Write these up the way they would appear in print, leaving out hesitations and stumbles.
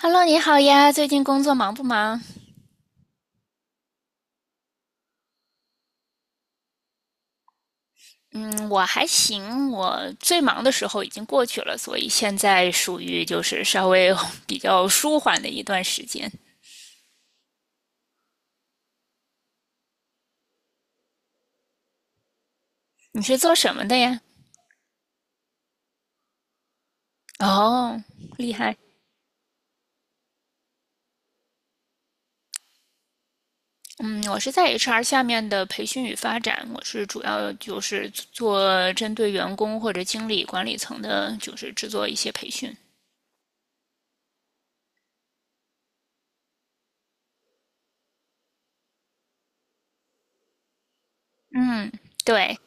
Hello，你好呀，最近工作忙不忙？嗯，我还行，我最忙的时候已经过去了，所以现在属于就是稍微 比较舒缓的一段时间。你是做什么的呀？哦，厉害。嗯，我是在 HR 下面的培训与发展，我是主要就是做针对员工或者经理管理层的，就是制作一些培训。嗯，对。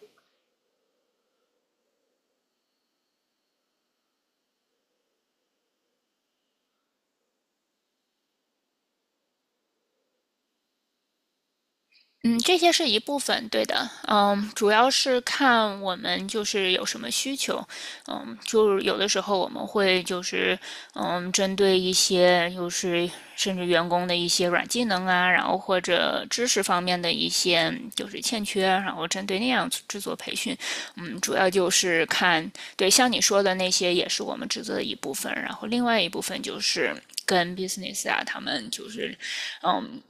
嗯，这些是一部分，对的，嗯，主要是看我们就是有什么需求，嗯，就是有的时候我们会就是，嗯，针对一些就是甚至员工的一些软技能啊，然后或者知识方面的一些就是欠缺，然后针对那样制作培训，嗯，主要就是看，对，像你说的那些也是我们职责的一部分，然后另外一部分就是。跟 business 啊，他们就是，嗯，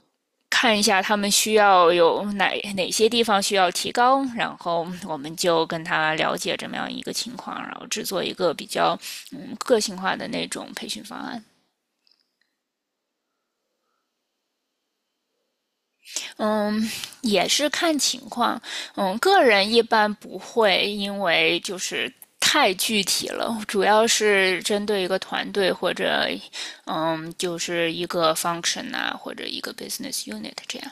看一下他们需要有哪些地方需要提高，然后我们就跟他了解这么样一个情况，然后制作一个比较个性化的那种培训方案。嗯，也是看情况。嗯，个人一般不会，因为就是太具体了，主要是针对一个团队或者就是一个 function 啊，或者一个 business unit 这样。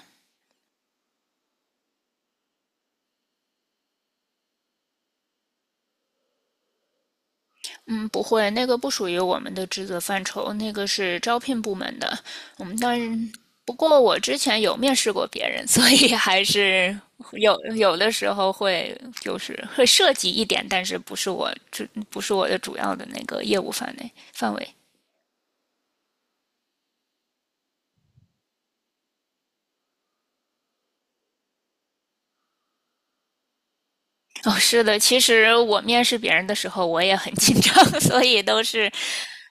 嗯，不会，那个不属于我们的职责范畴，那个是招聘部门的。我们当然，不过我之前有面试过别人，所以还是有的时候会就是会涉及一点，但是不是我的主要的那个业务范围。哦，是的，其实我面试别人的时候我也很紧张，所以都是，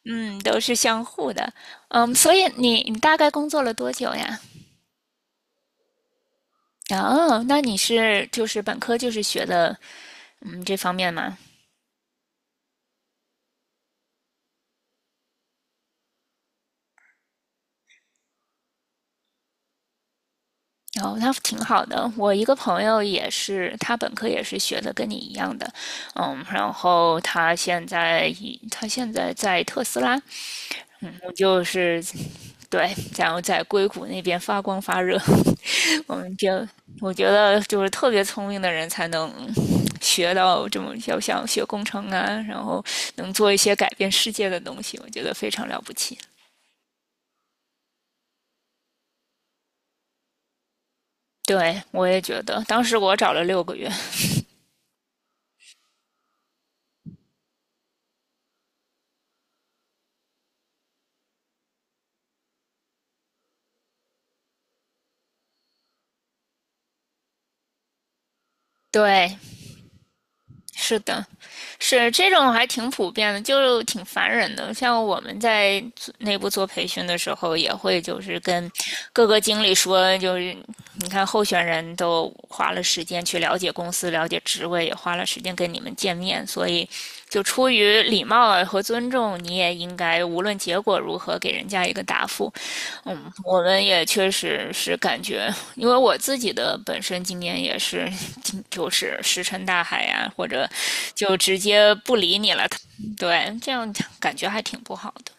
嗯，都是相互的。嗯，所以你大概工作了多久呀？哦，那你是就是本科就是学的，嗯，这方面吗？哦，那挺好的。我一个朋友也是，他本科也是学的跟你一样的，嗯，然后他现在在特斯拉，我就是对，然后在硅谷那边发光发热。我们就我觉得就是特别聪明的人才能学到这么要想学工程啊，然后能做一些改变世界的东西，我觉得非常了不起。对，我也觉得，当时我找了6个月。对，是的，是这种还挺普遍的，就挺烦人的。像我们在内部做培训的时候，也会就是跟各个经理说，就是你看候选人都花了时间去了解公司、了解职位，也花了时间跟你们见面，所以就出于礼貌啊和尊重，你也应该无论结果如何给人家一个答复。嗯，我们也确实是感觉，因为我自己的本身经验也是，就是石沉大海呀、啊或者就直接不理你了。对，这样感觉还挺不好的。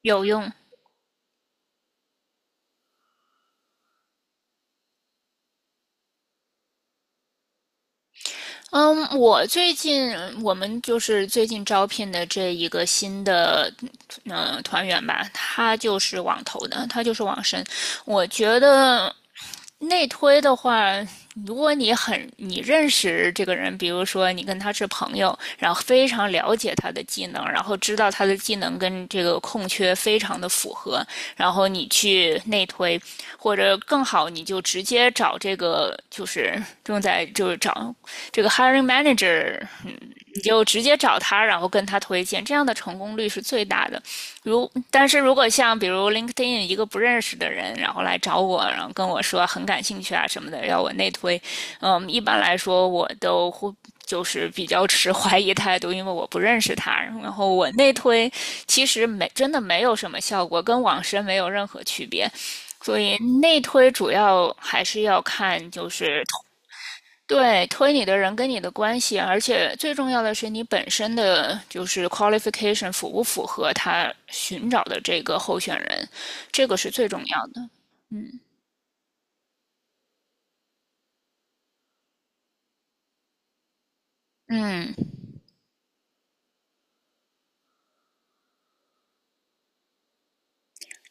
有用。嗯，我们就是最近招聘的这一个新的团员吧，他就是网投的，他就是网申。我觉得内推的话，如果你认识这个人，比如说你跟他是朋友，然后非常了解他的技能，然后知道他的技能跟这个空缺非常的符合，然后你去内推，或者更好，你就直接找这个就是正在就是找这个 hiring manager 你就直接找他，然后跟他推荐，这样的成功率是最大的。但是如果像比如 LinkedIn 一个不认识的人，然后来找我，然后跟我说很感兴趣啊什么的，要我内推，嗯，一般来说我都会就是比较持 怀疑态度，因为我不认识他。然后我内推其实没真的没有什么效果，跟网申没有任何区别。所以内推主要还是要看就是对，推你的人跟你的关系，而且最重要的是你本身的就是 qualification 符不符合他寻找的这个候选人，这个是最重要的。嗯，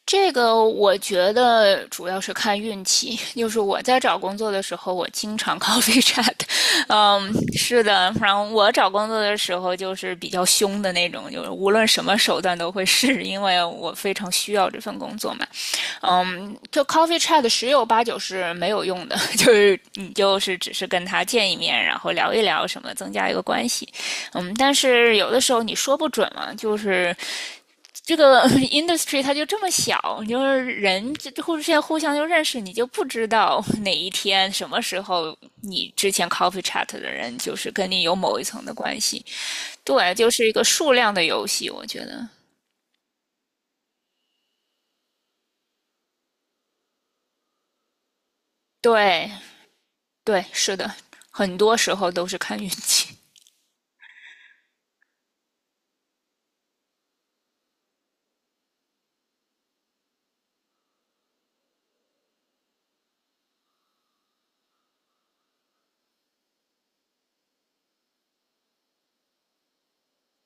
这个我觉得主要是看运气。就是我在找工作的时候，我经常 coffee chat。嗯，是的，然后我找工作的时候就是比较凶的那种，就是无论什么手段都会试，因为我非常需要这份工作嘛。嗯，就 coffee chat 十有八九是没有用的，就是你就是只是跟他见一面，然后聊一聊什么，增加一个关系。嗯，但是有的时候你说不准嘛，就是这个 industry 它就这么小，就是人互相就认识，你就不知道 哪一天什么时候你之前 coffee chat 的人就是跟你有某一层的关系。对，就是一个数量的游戏，我觉得。对，对，是的，很多时候都是看运气。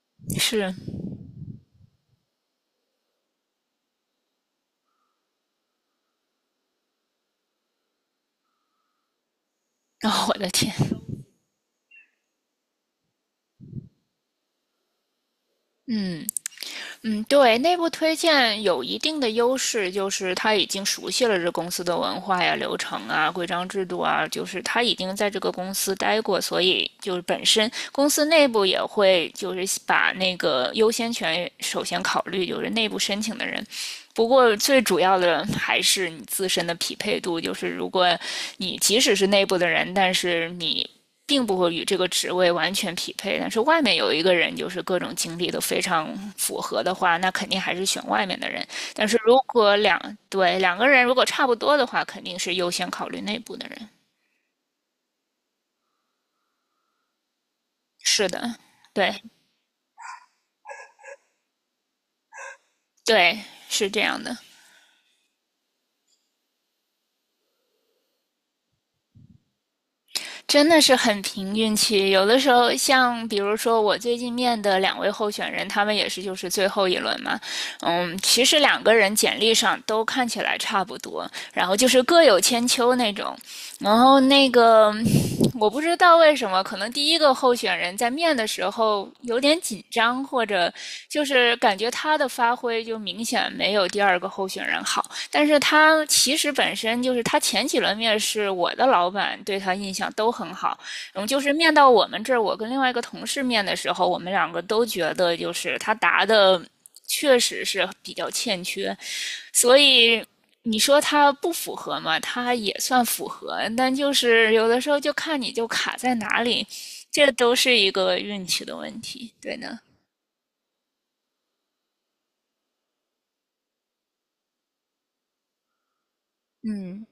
是，哦，我的天，嗯嗯，对，内部推荐有一定的优势，就是他已经熟悉了这公司的文化呀、流程啊、规章制度啊，就是他已经在这个公司待过，所以就是本身公司内部也会就是把那个优先权首先考虑，就是内部申请的人。不过最主要的还是你自身的匹配度，就是如果你即使是内部的人，但是你并不会与这个职位完全匹配，但是外面有一个人就是各种经历都非常符合的话，那肯定还是选外面的人。但是如果对两个人如果差不多的话，肯定是优先考虑内部的人。是的，对对，是这样的。真的是很凭运气。有的时候，像比如说我最近面的两位候选人，他们也是就是最后一轮嘛，嗯，其实两个人简历上都看起来差不多，然后就是各有千秋那种。然后那个我不知道为什么，可能第一个候选人在面的时候有点紧张，或者就是感觉他的发挥就明显没有第二个候选人好。但是他其实本身就是他前几轮面试，我的老板对他印象都很好。嗯，就是面到我们这儿，我跟另外一个同事面的时候，我们两个都觉得就是他答的。确实是比较欠缺，所以你说它不符合嘛，它也算符合，但就是有的时候就看你就卡在哪里，这都是一个运气的问题，对呢。嗯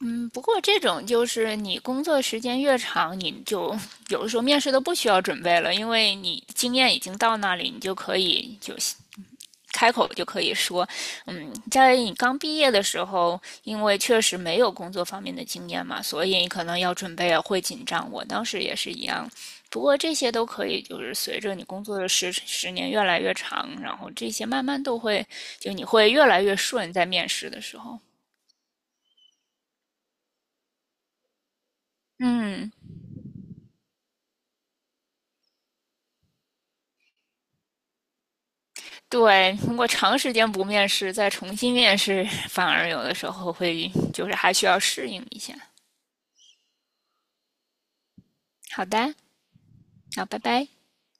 嗯，不过这种就是你工作时间越长，你就有的时候面试都不需要准备了，因为你经验已经到那里，你就可以就行。开口就可以说，嗯，在你刚毕业的时候，因为确实没有工作方面的经验嘛，所以你可能要准备啊会紧张。我当时也是一样，不过这些都可以，就是随着你工作的十年越来越长，然后这些慢慢都会，就你会越来越顺，在面试的时候。嗯，对，通过长时间不面试，再重新面试，反而有的时候会就是还需要适应一下。好的，那拜拜。